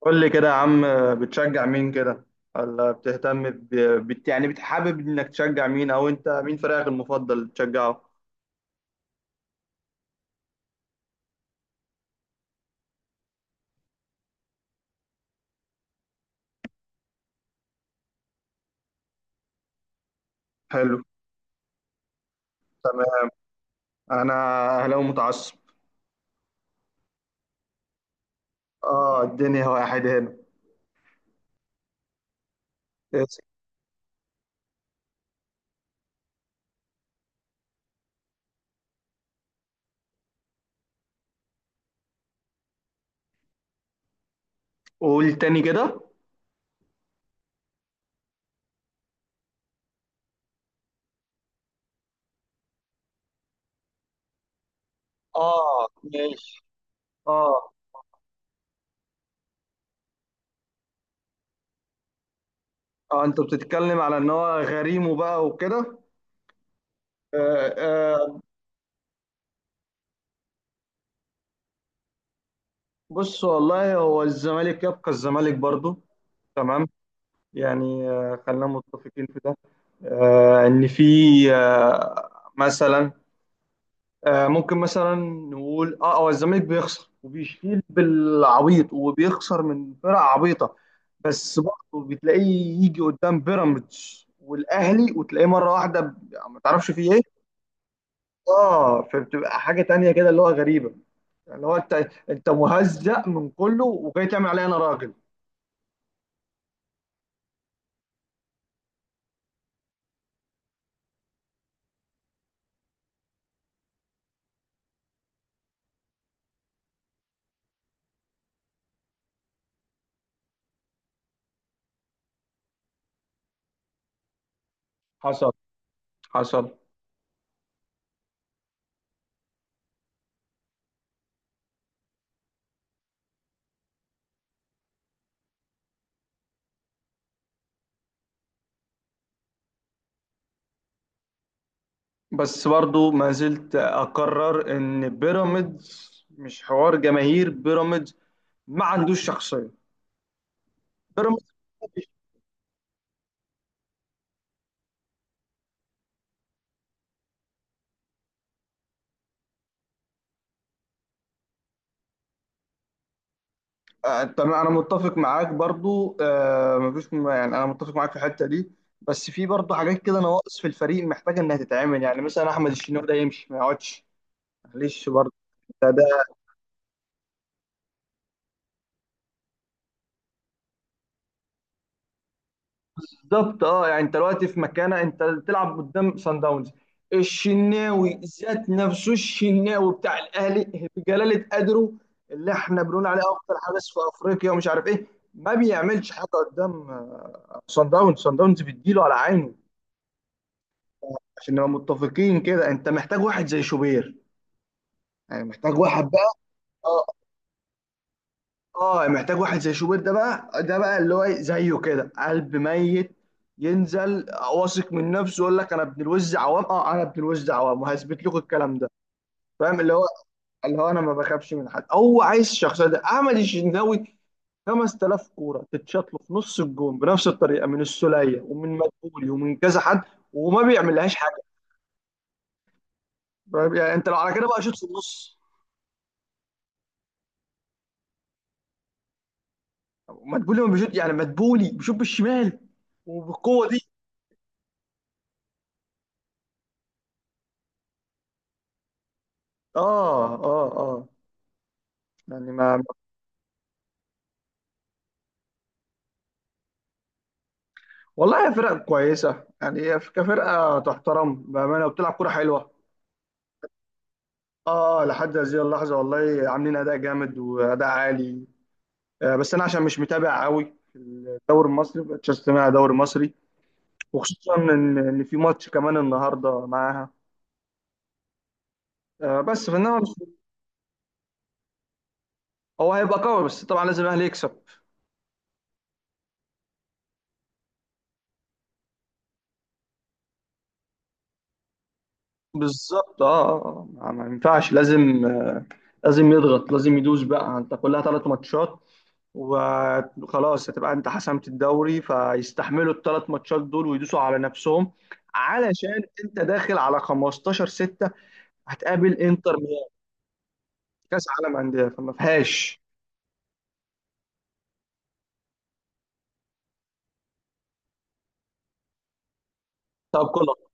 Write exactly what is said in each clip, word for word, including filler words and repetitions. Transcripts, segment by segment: قول لي كده يا عم، بتشجع مين كده، ولا بتهتم ب... بت... يعني بتحابب انك تشجع مين او انت مين فريقك المفضل تشجعه. حلو. تمام. انا اهلاوي متعصب. اه الدنيا واحد هنا. اسف. قول تاني كده. اه ماشي. اه اه انت بتتكلم على ان هو غريم وبقى وكده. آه. آه، بص والله هو الزمالك يبقى الزمالك برضو. تمام. يعني آه خلينا متفقين في ده. آه، ان في آه، مثلا آه، ممكن مثلا نقول اه هو الزمالك بيخسر وبيشيل بالعبيط وبيخسر من فرق عبيطه. بس برضه بتلاقيه يجي قدام بيراميدز والاهلي وتلاقيه مره واحده ب- يعني ما تعرفش فيه ايه. اه فبتبقى حاجه تانية كده اللي هو غريبه، اللي هو انت انت مهزأ من كله وجاي تعمل عليا انا راجل. حصل. حصل. بس برضو ما زلت اقرر ان بيراميدز مش حوار جماهير. بيراميدز ما عندوش شخصيه. بيراميدز آه، تمام انا متفق معاك برضو. آه مفيش م- يعني انا متفق معاك في الحته دي. بس في برضو حاجات كده نواقص في الفريق محتاجه انها تتعمل، يعني مثلا احمد الشناوي ده يمشي ما يقعدش. معلش برضو. ده, ده بالظبط اه، يعني انت دلوقتي في مكانه انت تلعب قدام سان داونز. الشناوي ذات نفسه، الشناوي بتاع الاهلي بجلاله قدره، اللي احنا بنقول عليه افضل حارس في افريقيا ومش عارف ايه، ما بيعملش حاجه قدام آه، سان داونز. سان داونز بيديله على عينه. عشان نبقى متفقين كده، انت محتاج واحد زي شوبير. يعني محتاج واحد بقى آه، اه محتاج واحد زي شوبير ده بقى، ده بقى اللي هو إيه، زيه كده قلب ميت. ينزل واثق من نفسه، يقول لك انا ابن الوز عوام، اه انا ابن الوز عوام وهثبت لكم الكلام ده. فاهم اللي هو اللي هو انا ما بخافش من حد. هو عايز الشخصيه ده. احمد الشناوي خمس آلاف كوره تتشاط له في نص الجون بنفس الطريقه، من السوليه ومن مدبولي ومن كذا حد، وما بيعملهاش حاجه. فاهم؟ يعني انت لو على كده بقى شوط في النص. مدبولي ما بيشوط، يعني مدبولي بيشوط بالشمال وبالقوه دي. اه اه اه يعني ما والله هي فرق كويسه. يعني هي كفرقه تحترم بامانه وبتلعب كوره حلوه. اه لحد هذه اللحظه والله عاملين اداء جامد واداء عالي. آه بس انا عشان مش متابع قوي في الدوري المصري، مبقتش استمع دوري مصري. وخصوصا ان ان في ماتش كمان النهارده معاها. آه بس فانما مش- هو هيبقى قوي، بس طبعا لازم الاهلي يكسب. بالظبط اه، آه، آه، ما ما ينفعش، لازم آه لازم يضغط، لازم يدوس بقى. انت كلها ثلاث ماتشات وخلاص، هتبقى انت حسمت الدوري، فيستحملوا الثلاث ماتشات دول ويدوسوا على نفسهم. علشان انت داخل على خمستاشر ستة هتقابل انتر ميامي كاس عالم انديه، فما فيهاش. طب كله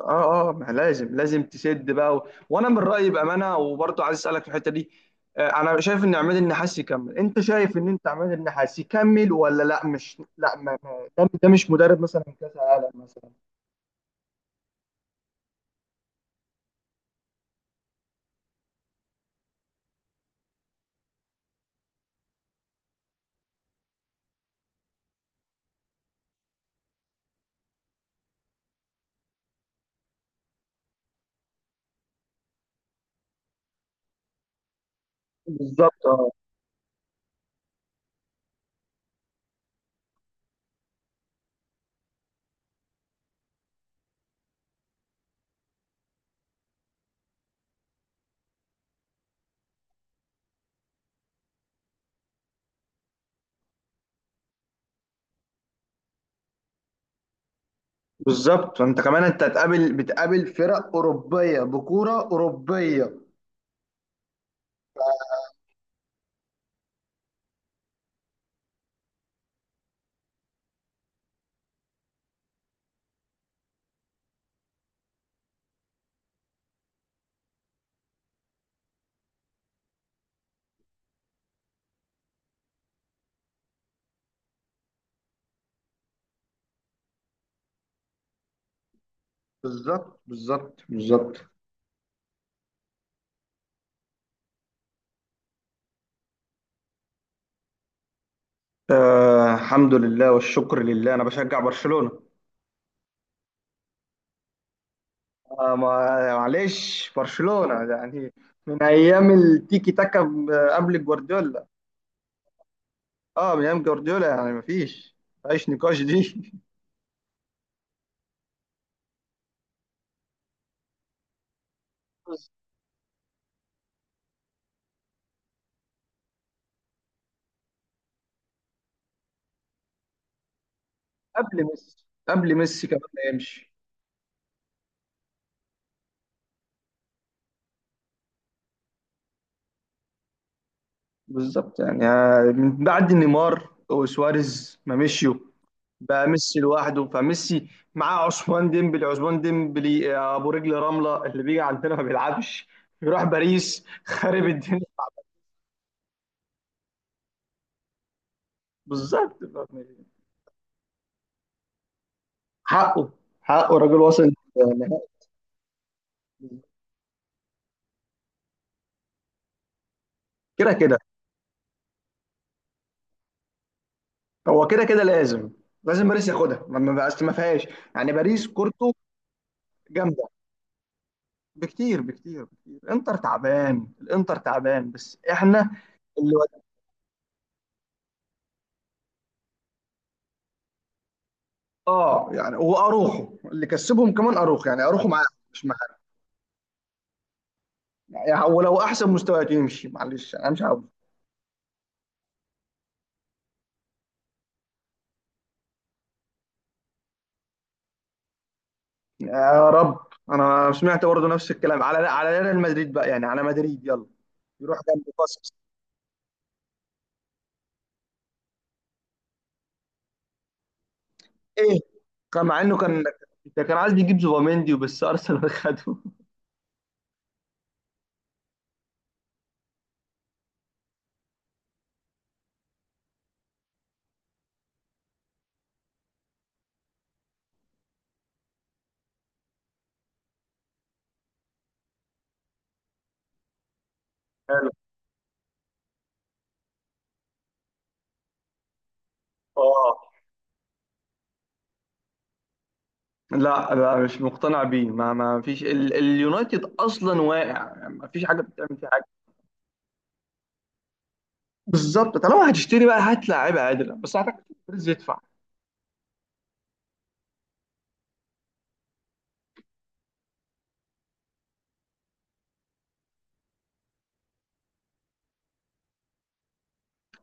اه اه ما لازم، لازم تسد بقى و... وانا من رايي بامانه، وبرضه عايز اسالك في الحته دي آه، انا شايف ان عماد النحاس يكمل. انت شايف ان انت عماد النحاس يكمل ولا لا؟ مش لا، ما... ما- ده ده مش مدرب مثلا كاس عالم مثلا. بالظبط بالظبط انت كمان انت هتقابل، بتقابل فرق اوروبيه بكوره اوروبيه. بالظبط بالظبط بالظبط آه الحمد لله والشكر لله، انا بشجع برشلونه. آه ما- معلش برشلونه يعني، من ايام التيكي تاكا ب- قبل جوارديولا. اه من ايام جوارديولا، يعني مفيش مفيش نقاش دي. بس. قبل ميسي قبل ميسي كمان ما يمشي. بالظبط، يعني آه، من بعد نيمار وسواريز ما مشيوا، بقى ميسي لوحده. فميسي معاه عثمان ديمبلي عثمان ديمبلي آه، ابو رجل رمله اللي بيجي عندنا ما بيلعبش. بيروح باريس خارب الدنيا. بالظبط. حقه. حقه الراجل، وصل نهائي. كده كده. هو كده كده لازم. لازم باريس ياخدها، ما ما بقاش، ما فيهاش. يعني باريس كورته جامده بكتير بكتير بكتير. انتر تعبان، الانتر تعبان بس احنا اللي ود- اه يعني هو اروخو اللي كسبهم. كمان اروخو، يعني اروخو معاه. مش معاه يعني، ولو احسن مستويات يمشي معلش انا مش عاوز. يا رب. انا سمعت برضه نفس الكلام على على ريال مدريد بقى، يعني على مدريد يلا يروح جنب قصص. ايه؟ كان مع انه كان. ده كان عايز يجيب زوباميندي وبس، ارسنال خده. حلو. اه لا لا، مش مقتنع بيه. ما ما فيش ال- اليونايتد اصلا واقع، يعني ما فيش حاجه بتعمل فيها حاجه. بالظبط. طالما هتشتري بقى، هات لعيبه عادله، بس هتحتاج يدفع.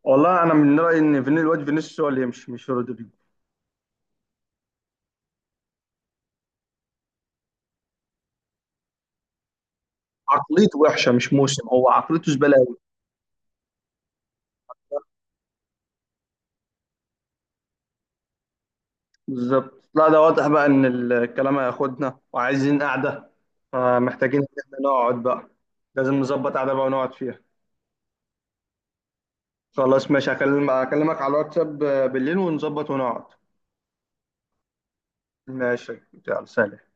والله انا من رايي ان فيني، الواد فينيسيوس هو اللي يمشي مش رودريجو. عقليته وحشه، مش موسم، هو عقليته زباله قوي. بالظبط. لا ده واضح بقى ان الكلام هياخدنا، وعايزين قعده. فمحتاجين ان احنا نقعد بقى، لازم نظبط قعده بقى ونقعد فيها. خلاص ماشي، هكلم- هكلمك على الواتساب بالليل ونظبط ونقعد. ماشي. يلا سلام.